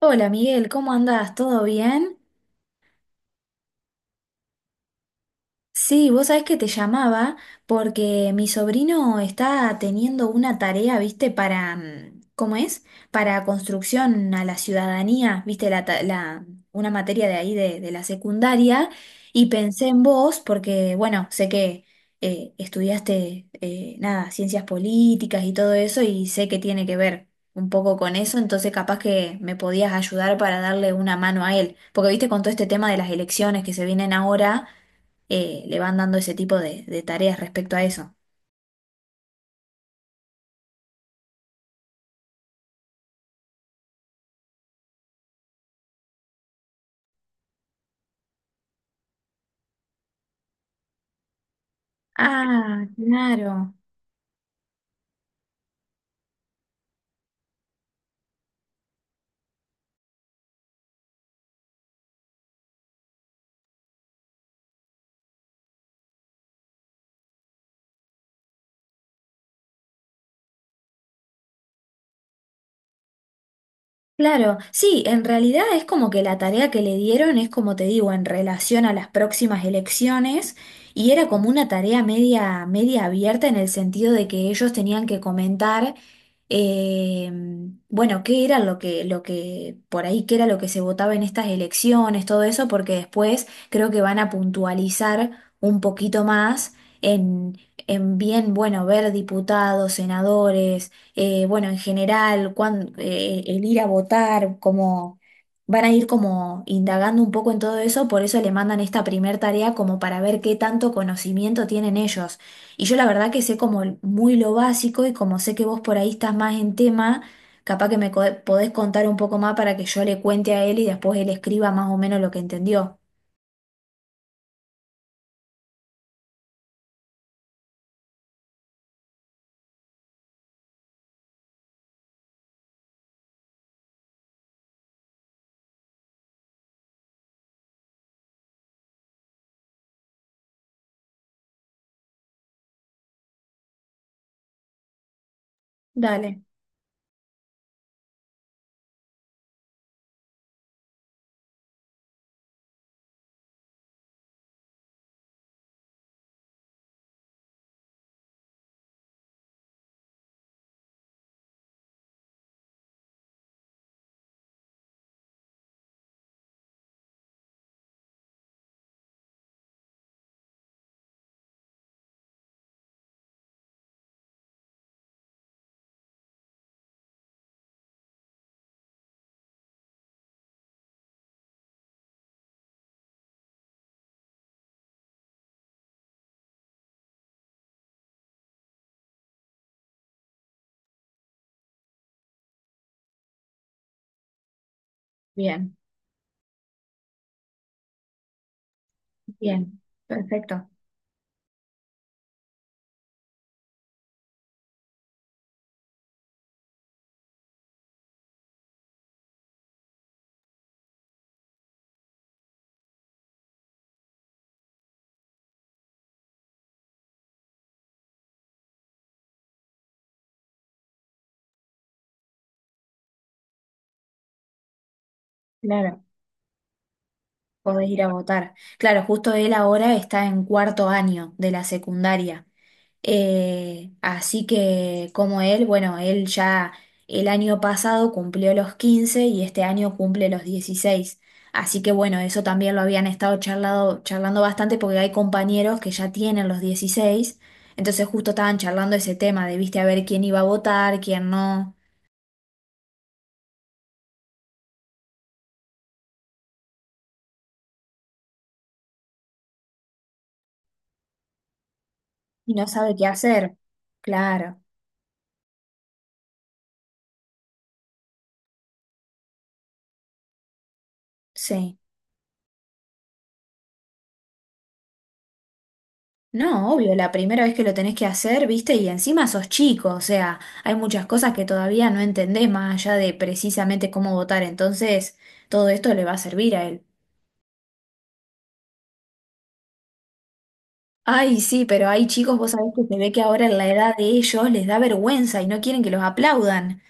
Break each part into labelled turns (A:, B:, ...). A: Hola Miguel, ¿cómo andás? ¿Todo bien? Sí, vos sabés que te llamaba porque mi sobrino está teniendo una tarea, viste, para, ¿cómo es? Para construcción a la ciudadanía, viste, una materia de ahí de la secundaria, y pensé en vos porque, bueno, sé que estudiaste, nada, ciencias políticas y todo eso, y sé que tiene que ver un poco con eso, entonces capaz que me podías ayudar para darle una mano a él, porque, viste, con todo este tema de las elecciones que se vienen ahora, le van dando ese tipo de tareas respecto a eso. Ah, claro. Claro, sí, en realidad es como que la tarea que le dieron es como te digo, en relación a las próximas elecciones, y era como una tarea media, media abierta en el sentido de que ellos tenían que comentar, eh, bueno, qué era lo que, por ahí, qué era lo que se votaba en estas elecciones, todo eso, porque después creo que van a puntualizar un poquito más en, en bien, bueno, ver diputados, senadores, bueno, en general, el ir a votar, como van a ir como indagando un poco en todo eso, por eso le mandan esta primer tarea como para ver qué tanto conocimiento tienen ellos. Y yo la verdad que sé como muy lo básico, y como sé que vos por ahí estás más en tema, capaz que podés contar un poco más para que yo le cuente a él y después él escriba más o menos lo que entendió. Dale, bien, bien, perfecto, claro. Podés ir a votar. Claro, justo él ahora está en cuarto año de la secundaria. Así que como él, bueno, él ya el año pasado cumplió los 15, y este año cumple los 16. Así que bueno, eso también lo habían estado charlando bastante porque hay compañeros que ya tienen los 16. Entonces justo estaban charlando ese tema de, viste, a ver quién iba a votar, quién no, y no sabe qué hacer. Claro, sí. No, obvio, la primera vez que lo tenés que hacer, viste, y encima sos chico, o sea, hay muchas cosas que todavía no entendés más allá de precisamente cómo votar, entonces todo esto le va a servir a él. Ay, sí, pero hay chicos, vos sabés que se ve que ahora en la edad de ellos les da vergüenza y no quieren que los aplaudan.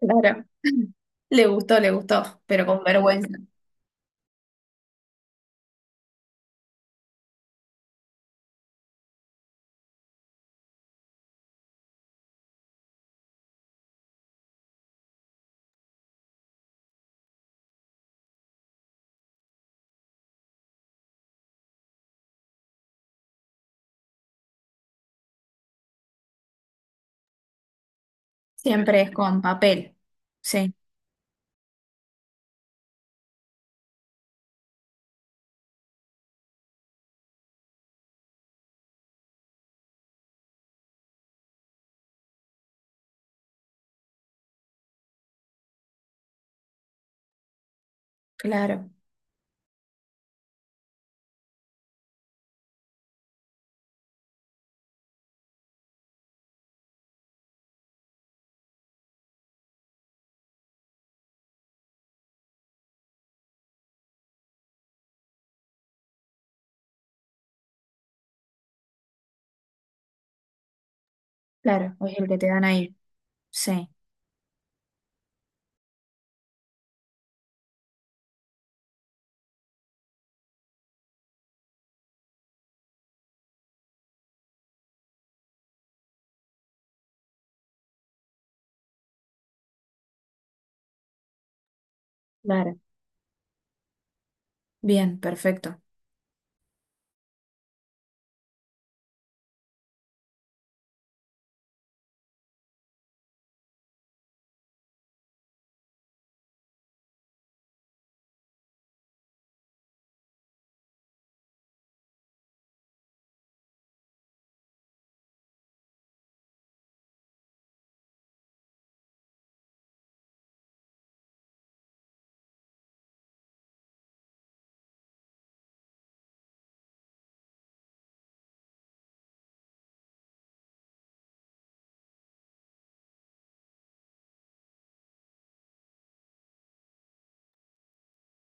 A: Claro. Le gustó, pero con vergüenza. Siempre es con papel. Sí, claro, claro, es el que te dan ahí. Sí, claro. Bien, perfecto.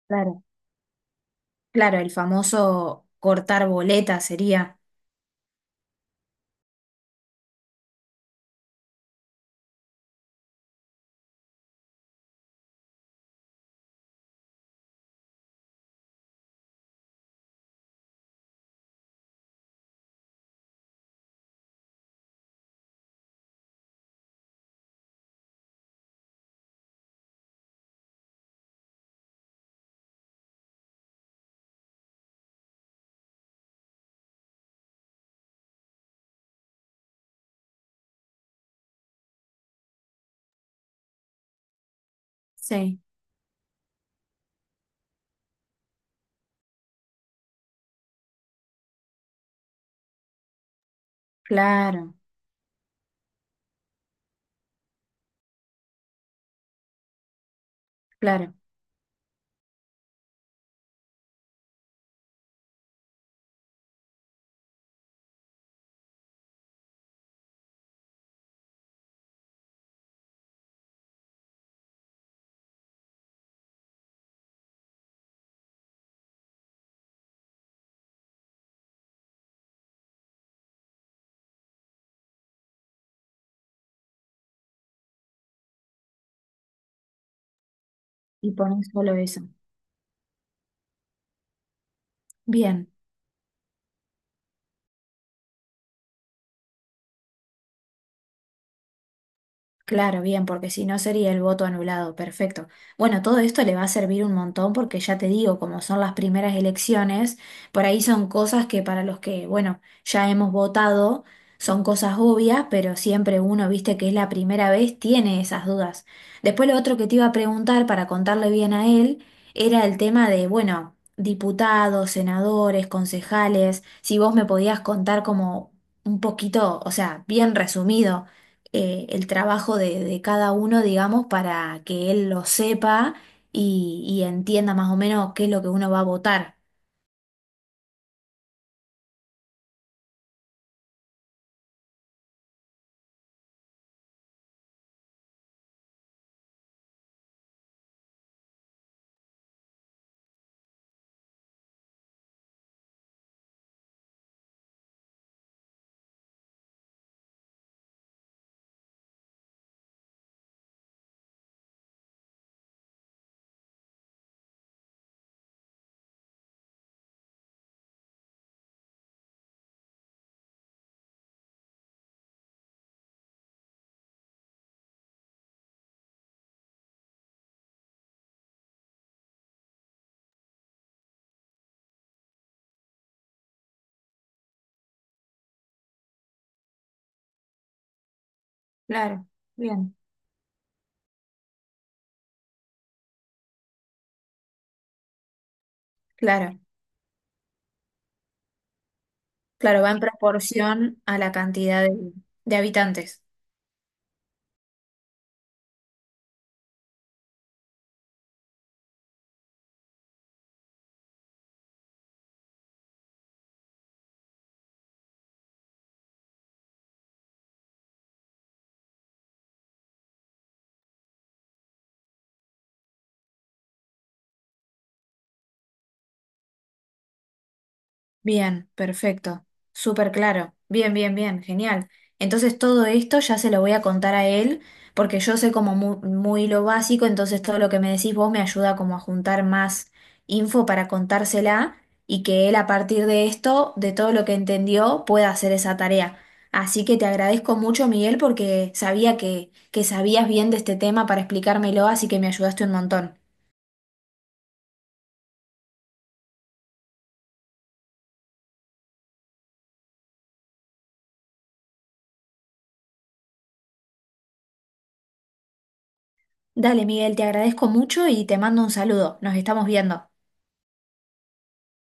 A: Claro. Claro, el famoso cortar boleta sería. Sí. Claro, claro. Y poner solo eso. Bien. Claro, bien, porque si no sería el voto anulado, perfecto. Bueno, todo esto le va a servir un montón porque ya te digo, como son las primeras elecciones, por ahí son cosas que para los que, bueno, ya hemos votado, son cosas obvias, pero siempre uno, viste que es la primera vez, tiene esas dudas. Después lo otro que te iba a preguntar para contarle bien a él era el tema de, bueno, diputados, senadores, concejales, si vos me podías contar como un poquito, o sea, bien resumido, el trabajo de cada uno, digamos, para que él lo sepa y entienda más o menos qué es lo que uno va a votar. Claro, bien. Claro, claro, va en proporción a la cantidad de habitantes. Bien, perfecto. Súper claro. Bien, bien, bien. Genial. Entonces todo esto ya se lo voy a contar a él porque yo sé como muy, lo básico, entonces todo lo que me decís vos me ayuda como a juntar más info para contársela y que él a partir de esto, de todo lo que entendió, pueda hacer esa tarea. Así que te agradezco mucho, Miguel, porque sabía que sabías bien de este tema para explicármelo, así que me ayudaste un montón. Dale, Miguel, te agradezco mucho y te mando un saludo. Nos estamos viendo.